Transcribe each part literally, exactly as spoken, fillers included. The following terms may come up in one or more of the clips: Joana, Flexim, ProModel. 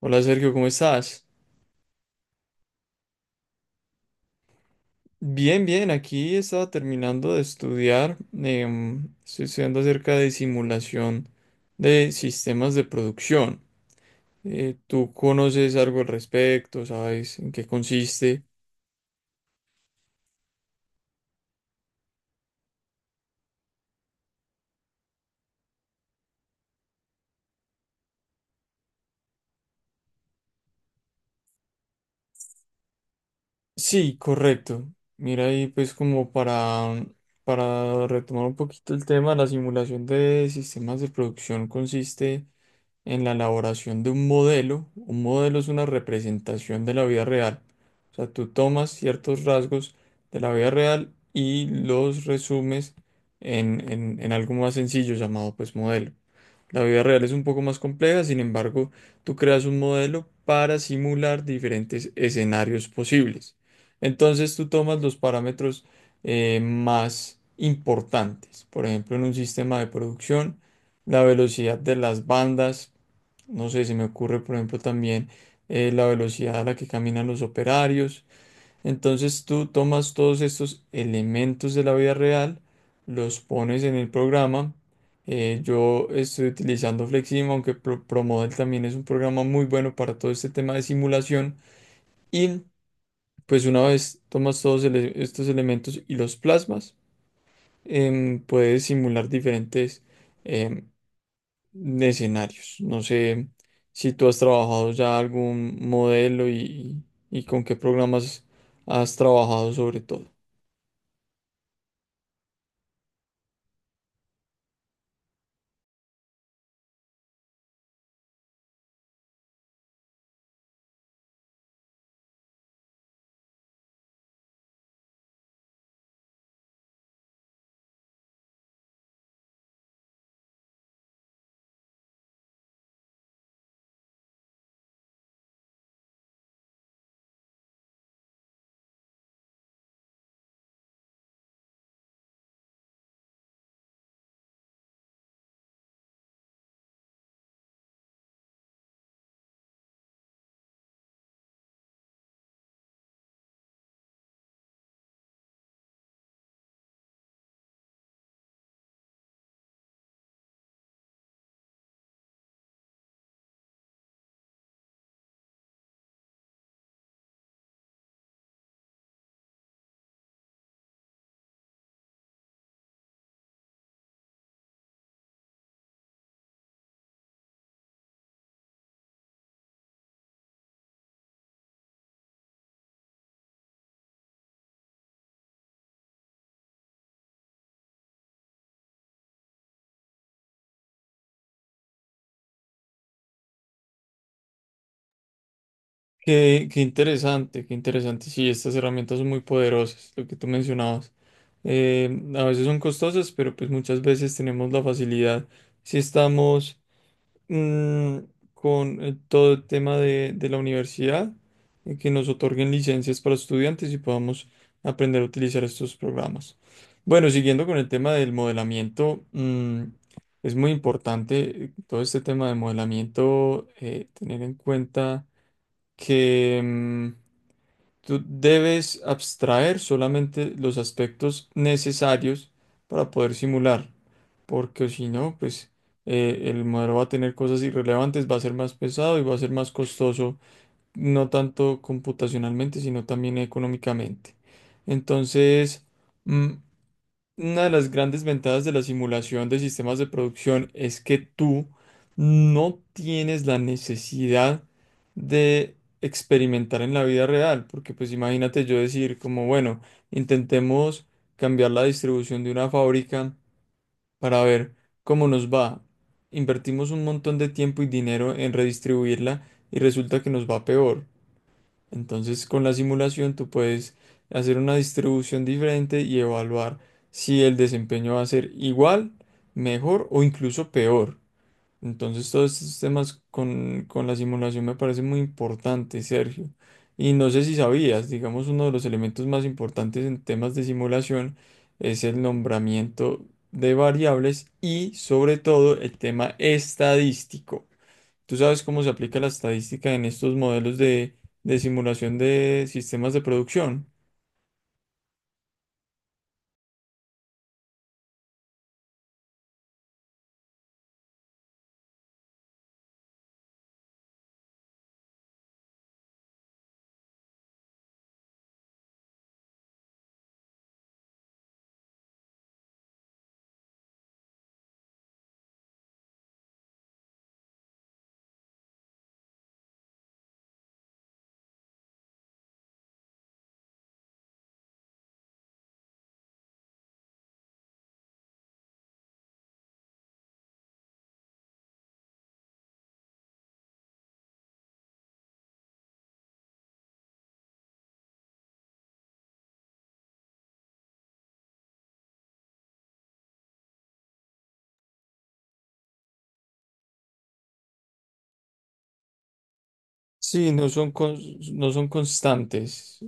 Hola Sergio, ¿cómo estás? Bien, bien, aquí estaba terminando de estudiar. Em, estoy estudiando acerca de simulación de sistemas de producción. Eh, ¿tú conoces algo al respecto? ¿Sabes en qué consiste? Sí, correcto. Mira, ahí pues como para, para retomar un poquito el tema, la simulación de sistemas de producción consiste en la elaboración de un modelo. Un modelo es una representación de la vida real. O sea, tú tomas ciertos rasgos de la vida real y los resumes en, en- en algo más sencillo llamado pues modelo. La vida real es un poco más compleja; sin embargo, tú creas un modelo para simular diferentes escenarios posibles. Entonces tú tomas los parámetros eh, más importantes. Por ejemplo, en un sistema de producción, la velocidad de las bandas, no sé, se me ocurre, por ejemplo, también eh, la velocidad a la que caminan los operarios. Entonces tú tomas todos estos elementos de la vida real, los pones en el programa. Eh, yo estoy utilizando Flexim, aunque Pro- ProModel también es un programa muy bueno para todo este tema de simulación. Y pues una vez tomas todos ele- estos elementos y los plasmas, em, puedes simular diferentes em, de escenarios. No sé si tú has trabajado ya algún modelo y, y con qué programas has trabajado sobre todo. Qué, qué interesante, qué interesante. Sí, estas herramientas son muy poderosas, lo que tú mencionabas. Eh, a veces son costosas, pero pues muchas veces tenemos la facilidad, si estamos mm, con eh, todo el tema de, de la universidad, eh, que nos otorguen licencias para estudiantes y podamos aprender a utilizar estos programas. Bueno, siguiendo con el tema del modelamiento, mm, es muy importante, eh, todo este tema de modelamiento, eh, tener en cuenta que... mm, tú debes abstraer solamente los aspectos necesarios para poder simular, porque si no, pues eh, el modelo va a tener cosas irrelevantes, va a ser más pesado y va a ser más costoso, no tanto computacionalmente, sino también económicamente. Entonces, mm, una de las grandes ventajas de la simulación de sistemas de producción es que tú no tienes la necesidad de experimentar en la vida real, porque pues imagínate yo decir como, bueno, intentemos cambiar la distribución de una fábrica para ver cómo nos va. Invertimos un montón de tiempo y dinero en redistribuirla y resulta que nos va peor. Entonces, con la simulación tú puedes hacer una distribución diferente y evaluar si el desempeño va a ser igual, mejor o incluso peor. Entonces, todos estos temas con, con la simulación me parecen muy importantes, Sergio. Y no sé si sabías, digamos, uno de los elementos más importantes en temas de simulación es el nombramiento de variables y, sobre todo, el tema estadístico. ¿Tú sabes cómo se aplica la estadística en estos modelos de, de simulación de sistemas de producción? Sí, no son, cons- no son constantes.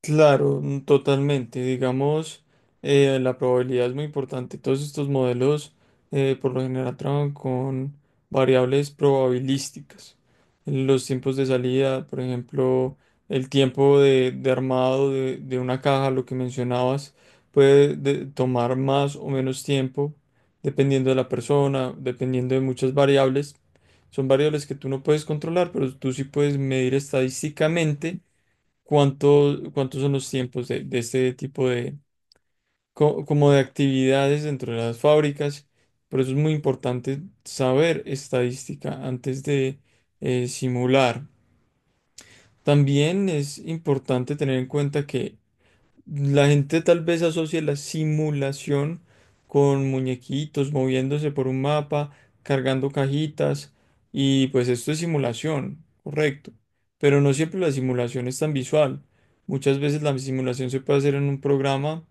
Claro, mm, totalmente. Digamos, eh, la probabilidad es muy importante. Todos estos modelos, eh, por lo general, trabajan con variables probabilísticas. Los tiempos de salida, por ejemplo, el tiempo de, de armado de, de una caja, lo que mencionabas, puede de- tomar más o menos tiempo dependiendo de la persona, dependiendo de muchas variables. Son variables que tú no puedes controlar, pero tú sí puedes medir estadísticamente. ¿Cuánto, cuántos son los tiempos de, de este tipo de, co- como de actividades dentro de las fábricas? Por eso es muy importante saber estadística antes de eh, simular. También es importante tener en cuenta que la gente tal vez asocia la simulación con muñequitos moviéndose por un mapa, cargando cajitas, y pues esto es simulación, correcto. Pero no siempre la simulación es tan visual. Muchas veces la simulación se puede hacer en un programa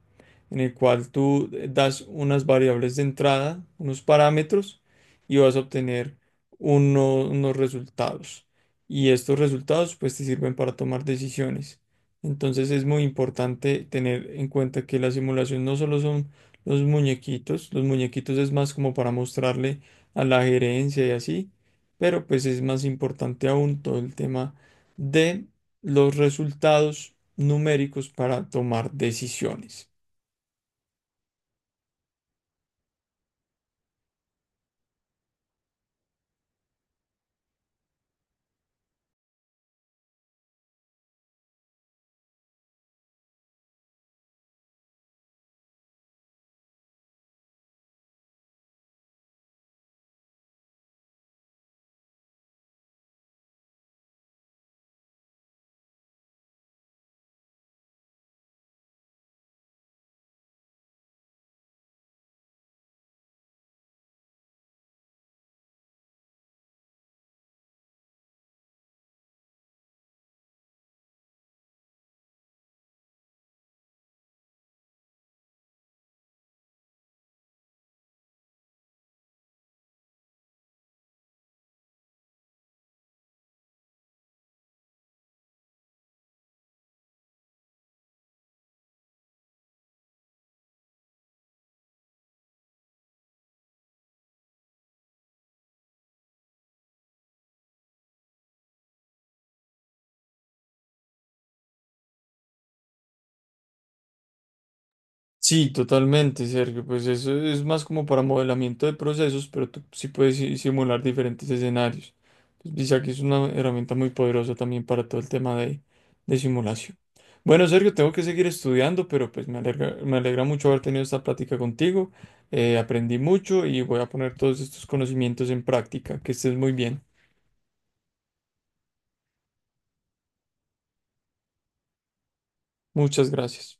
en el cual tú das unas variables de entrada, unos parámetros, y vas a obtener uno- unos resultados. Y estos resultados pues te sirven para tomar decisiones. Entonces es muy importante tener en cuenta que la simulación no solo son los muñequitos; los muñequitos es más como para mostrarle a la gerencia y así, pero pues es más importante aún todo el tema de los resultados numéricos para tomar decisiones. Sí, totalmente, Sergio. Pues eso es más como para modelamiento de procesos, pero tú sí puedes si- simular diferentes escenarios. Entonces, dice que es una herramienta muy poderosa también para todo el tema de, de simulación. Bueno, Sergio, tengo que seguir estudiando, pero pues me alegra, me alegra mucho haber tenido esta plática contigo. Eh, aprendí mucho y voy a poner todos estos conocimientos en práctica. Que estés muy bien. Muchas gracias.